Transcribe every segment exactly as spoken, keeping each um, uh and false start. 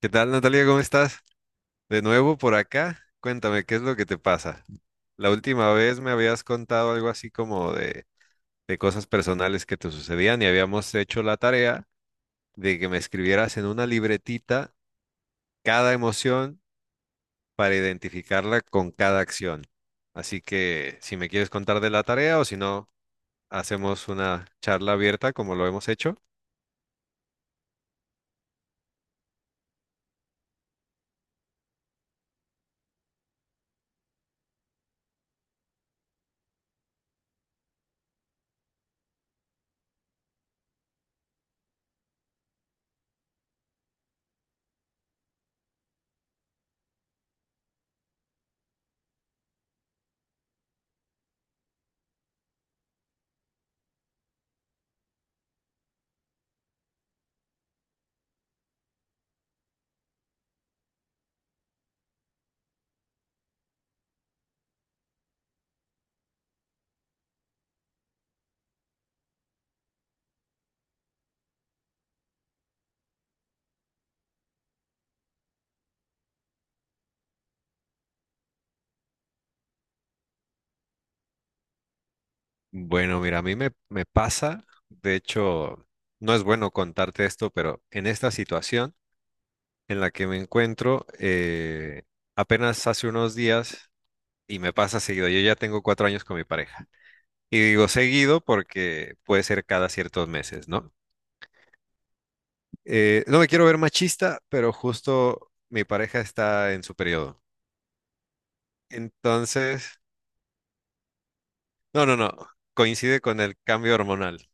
¿Qué tal, Natalia? ¿Cómo estás? De nuevo por acá. Cuéntame, ¿qué es lo que te pasa? La última vez me habías contado algo así como de, de cosas personales que te sucedían y habíamos hecho la tarea de que me escribieras en una libretita cada emoción para identificarla con cada acción. Así que si me quieres contar de la tarea o si no, hacemos una charla abierta como lo hemos hecho. Bueno, mira, a mí me, me pasa, de hecho, no es bueno contarte esto, pero en esta situación en la que me encuentro, eh, apenas hace unos días y me pasa seguido. Yo ya tengo cuatro años con mi pareja. Y digo seguido porque puede ser cada ciertos meses, ¿no? Eh, no me quiero ver machista, pero justo mi pareja está en su periodo. Entonces, no, no, no, coincide con el cambio hormonal.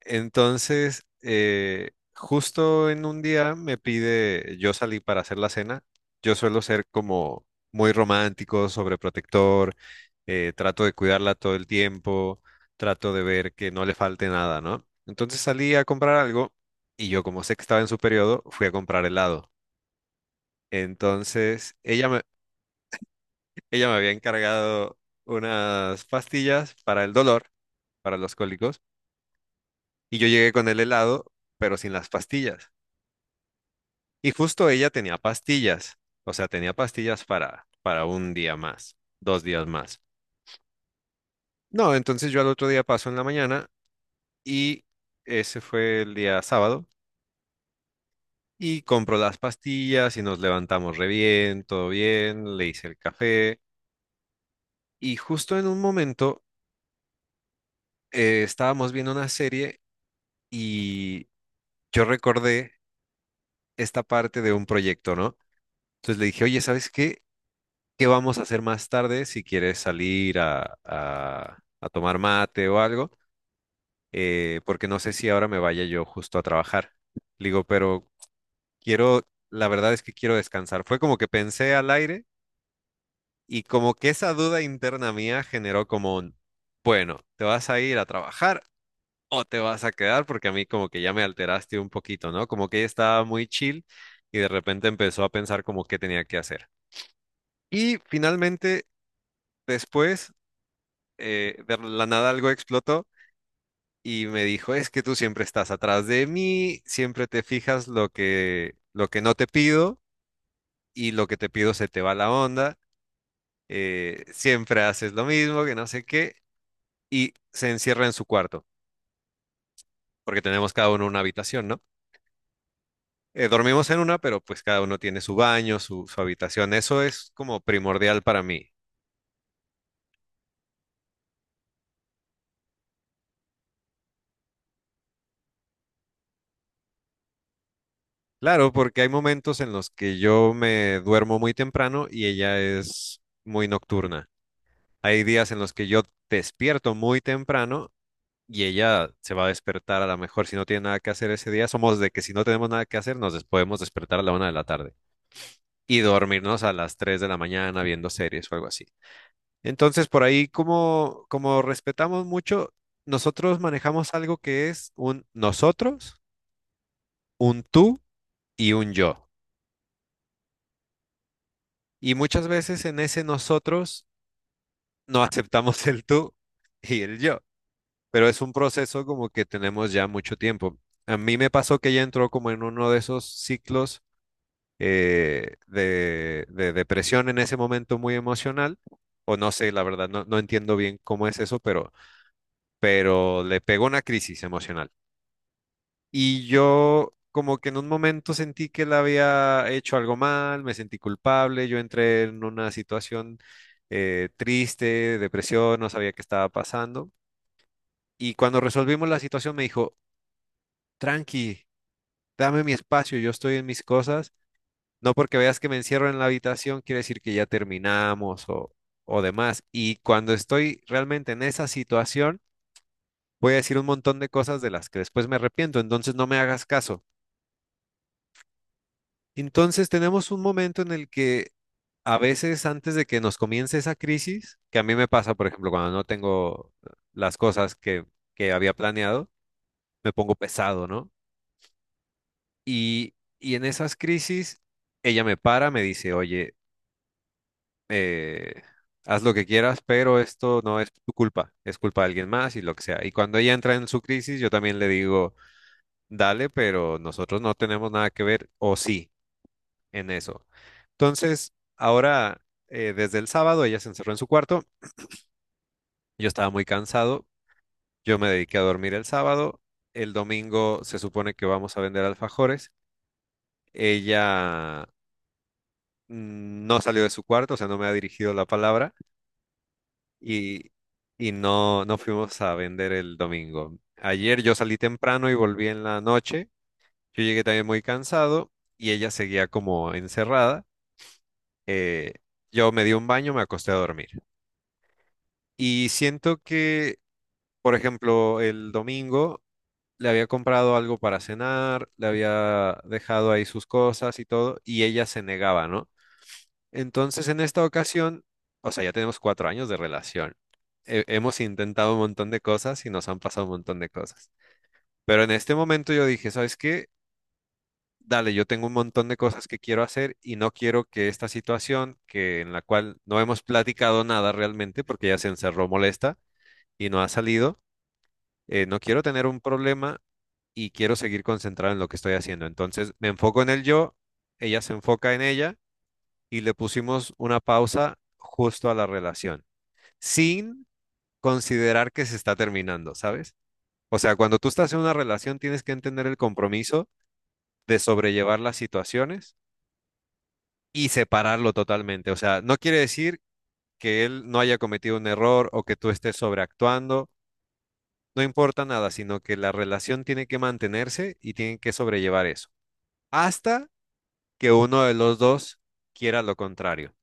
Entonces, eh, justo en un día me pide, yo salí para hacer la cena. Yo suelo ser como muy romántico, sobreprotector, eh, trato de cuidarla todo el tiempo, trato de ver que no le falte nada, ¿no? Entonces salí a comprar algo y yo, como sé que estaba en su periodo, fui a comprar helado. Entonces, ella me, ella me había encargado unas pastillas para el dolor, para los cólicos, y yo llegué con el helado, pero sin las pastillas. Y justo ella tenía pastillas, o sea, tenía pastillas para, para un día más, dos días más. No, entonces yo al otro día paso en la mañana y ese fue el día sábado, y compro las pastillas y nos levantamos re bien, todo bien, le hice el café. Y justo en un momento, eh, estábamos viendo una serie y yo recordé esta parte de un proyecto, ¿no? Entonces le dije, oye, ¿sabes qué? Qué vamos a hacer más tarde, si quieres salir a, a- a tomar mate o algo, eh, porque no sé si ahora me vaya yo justo a trabajar. Le digo, pero quiero, la verdad es que quiero descansar. Fue como que pensé al aire, y como que esa duda interna mía generó como un, bueno, ¿te vas a ir a trabajar o te vas a quedar? Porque a mí como que ya me alteraste un poquito, ¿no? Como que ella estaba muy chill y de repente empezó a pensar como qué tenía que hacer. Y finalmente, después, eh, de la nada algo explotó y me dijo, es que tú siempre estás atrás de mí, siempre te fijas lo que, lo que, no te pido, y lo que te pido se te va la onda, eh, siempre haces lo mismo, que no sé qué, y se encierra en su cuarto, porque tenemos cada uno una habitación, ¿no? Eh, dormimos en una, pero pues cada uno tiene su baño, su, su habitación. Eso es como primordial para mí. Claro, porque hay momentos en los que yo me duermo muy temprano y ella es muy nocturna. Hay días en los que yo despierto muy temprano y ella se va a despertar, a lo mejor, si no tiene nada que hacer ese día. Somos de que si no tenemos nada que hacer, nos des- podemos despertar a la una de la tarde y dormirnos a las tres de la mañana viendo series o algo así. Entonces, por ahí, como, como, respetamos mucho, nosotros manejamos algo que es un nosotros, un tú y un yo. Y muchas veces en ese nosotros no aceptamos el tú y el yo, pero es un proceso como que tenemos ya mucho tiempo. A mí me pasó que ella entró como en uno de esos ciclos, eh, de, de, depresión, en ese momento muy emocional, o no sé, la verdad, no, no entiendo bien cómo es eso, pero, pero le pegó una crisis emocional. Y yo como que en un momento sentí que la había hecho algo mal, me sentí culpable, yo entré en una situación, eh, triste, depresión, no sabía qué estaba pasando. Y cuando resolvimos la situación me dijo, tranqui, dame mi espacio, yo estoy en mis cosas. No porque veas que me encierro en la habitación quiere decir que ya terminamos o, o demás. Y cuando estoy realmente en esa situación, voy a decir un montón de cosas de las que después me arrepiento, entonces no me hagas caso. Entonces tenemos un momento en el que a veces, antes de que nos comience esa crisis, que a mí me pasa, por ejemplo, cuando no tengo las cosas que, que había planeado, me pongo pesado, ¿no? Y, y en esas crisis, ella me para, me dice, oye, eh, haz lo que quieras, pero esto no es tu culpa, es culpa de alguien más y lo que sea. Y cuando ella entra en su crisis, yo también le digo, dale, pero nosotros no tenemos nada que ver, o sí, en eso. Entonces, ahora, eh, desde el sábado, ella se encerró en su cuarto. Yo estaba muy cansado, yo me dediqué a dormir el sábado. El domingo se supone que vamos a vender alfajores, ella... mm, No salió de su cuarto, o sea, no me ha dirigido la palabra. y, y no, no fuimos a vender el domingo. Ayer yo salí temprano y volví en la noche. Yo llegué también muy cansado y ella seguía como encerrada. Eh, yo me di un baño, me acosté a dormir. Y siento que, por ejemplo, el domingo le había comprado algo para cenar, le había dejado ahí sus cosas y todo, y ella se negaba, ¿no? Entonces, en esta ocasión, o sea, ya tenemos cuatro años de relación. He- hemos intentado un montón de cosas y nos han pasado un montón de cosas. Pero en este momento yo dije, ¿sabes qué? Dale, yo tengo un montón de cosas que quiero hacer y no quiero que esta situación, que en la cual no hemos platicado nada realmente, porque ya se encerró molesta y no ha salido, eh, no quiero tener un problema y quiero seguir concentrado en lo que estoy haciendo. Entonces, me enfoco en el yo, ella se enfoca en ella, y le pusimos una pausa justo a la relación, sin considerar que se está terminando, ¿sabes? O sea, cuando tú estás en una relación tienes que entender el compromiso de sobrellevar las situaciones y separarlo totalmente. O sea, no quiere decir que él no haya cometido un error o que tú estés sobreactuando, no importa nada, sino que la relación tiene que mantenerse y tienen que sobrellevar eso, hasta que uno de los dos quiera lo contrario.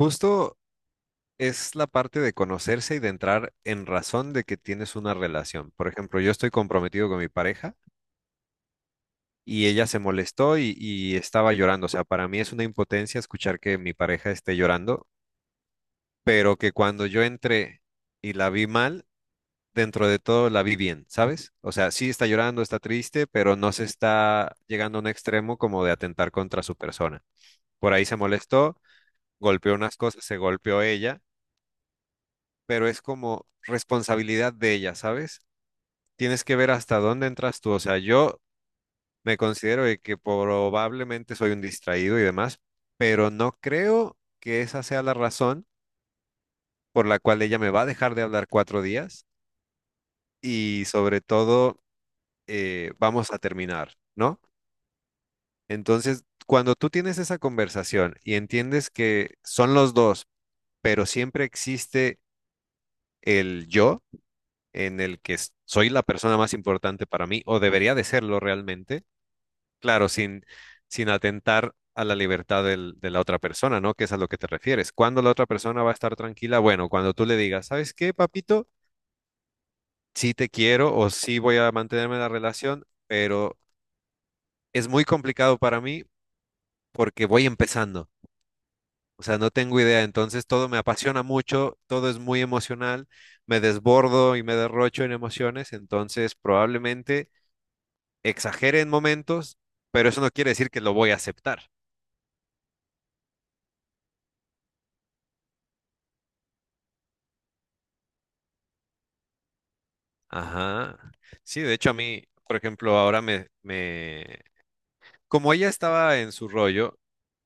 Justo es la parte de conocerse y de entrar en razón de que tienes una relación. Por ejemplo, yo estoy comprometido con mi pareja, y ella se molestó y, y estaba llorando. O sea, para mí es una impotencia escuchar que mi pareja esté llorando, pero que cuando yo entré y la vi mal, dentro de todo la vi bien, ¿sabes? O sea, sí está llorando, está triste, pero no se está llegando a un extremo como de atentar contra su persona. Por ahí se molestó, golpeó unas cosas, se golpeó ella, pero es como responsabilidad de ella, ¿sabes? Tienes que ver hasta dónde entras tú. O sea, yo me considero de que probablemente soy un distraído y demás, pero no creo que esa sea la razón por la cual ella me va a dejar de hablar cuatro días, y sobre todo, eh, vamos a terminar, ¿no? Entonces, cuando tú tienes esa conversación y entiendes que son los dos, pero siempre existe el yo, en el que s- soy la persona más importante para mí, o debería de serlo realmente. Claro, sin, sin atentar a la libertad del- de la otra persona, ¿no? Que es a lo que te refieres. ¿Cuándo la otra persona va a estar tranquila? Bueno, cuando tú le digas, ¿sabes qué, papito? Sí te quiero, o sí voy a mantenerme en la relación, pero es muy complicado para mí porque voy empezando. O sea, no tengo idea. Entonces todo me apasiona mucho, todo es muy emocional, me desbordo y me derrocho en emociones, entonces probablemente exagere en momentos, pero eso no quiere decir que lo voy a aceptar. Ajá. Sí, de hecho a mí, por ejemplo, ahora me, me... Como ella estaba en su rollo,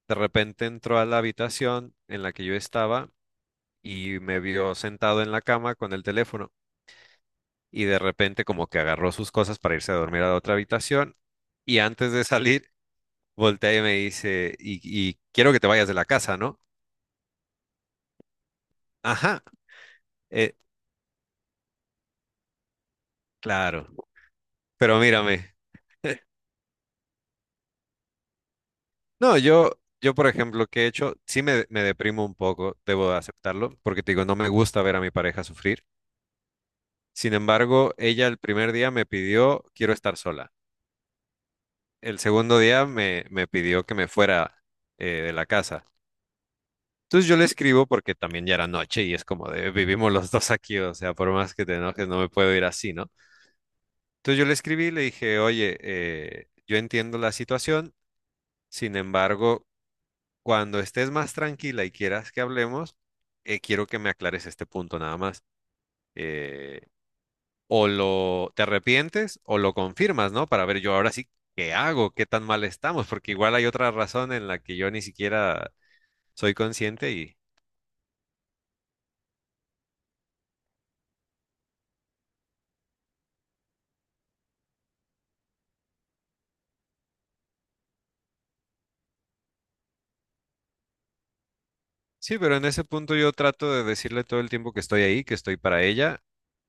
de repente entró a la habitación en la que yo estaba y me vio sentado en la cama con el teléfono, y de repente como que agarró sus cosas para irse a dormir a la otra habitación, y antes de salir voltea y me dice, y, y quiero que te vayas de la casa, ¿no? Ajá, eh, claro, pero mírame. No, yo, yo, por ejemplo, que he hecho, sí me, me deprimo un poco, debo de aceptarlo, porque te digo, no me gusta ver a mi pareja sufrir. Sin embargo, ella el primer día me pidió, quiero estar sola. El segundo día me, me pidió que me fuera, eh, de la casa. Entonces yo le escribo, porque también ya era noche y es como de, vivimos los dos aquí, o sea, por más que te enojes, no me puedo ir así, ¿no? Entonces yo le escribí y le dije, oye, eh, yo entiendo la situación. Sin embargo, cuando estés más tranquila y quieras que hablemos, eh, quiero que me aclares este punto nada más. Eh, o lo te arrepientes o lo confirmas, ¿no? Para ver yo ahora sí qué hago, qué tan mal estamos, porque igual hay otra razón en la que yo ni siquiera soy consciente. Y sí, pero en ese punto yo trato de decirle todo el tiempo que estoy ahí, que estoy para ella.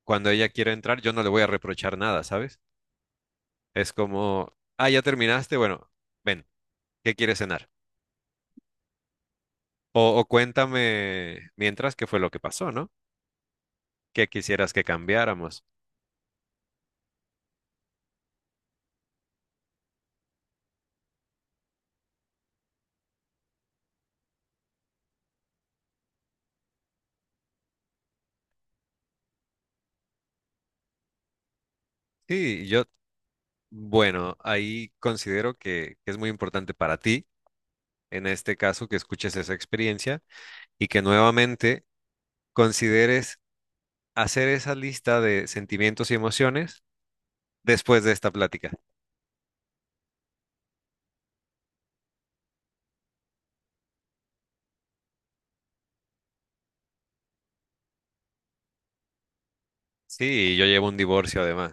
Cuando ella quiera entrar, yo no le voy a reprochar nada, ¿sabes? Es como, ah, ya terminaste, bueno, ven, ¿qué quieres cenar? O, o cuéntame mientras qué fue lo que pasó, ¿no? ¿Qué quisieras que cambiáramos? Sí, yo, bueno, ahí considero que es muy importante para ti, en este caso, que escuches esa experiencia y que nuevamente consideres hacer esa lista de sentimientos y emociones después de esta plática. Sí, yo llevo un divorcio además.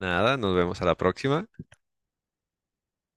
Nada, nos vemos a la próxima.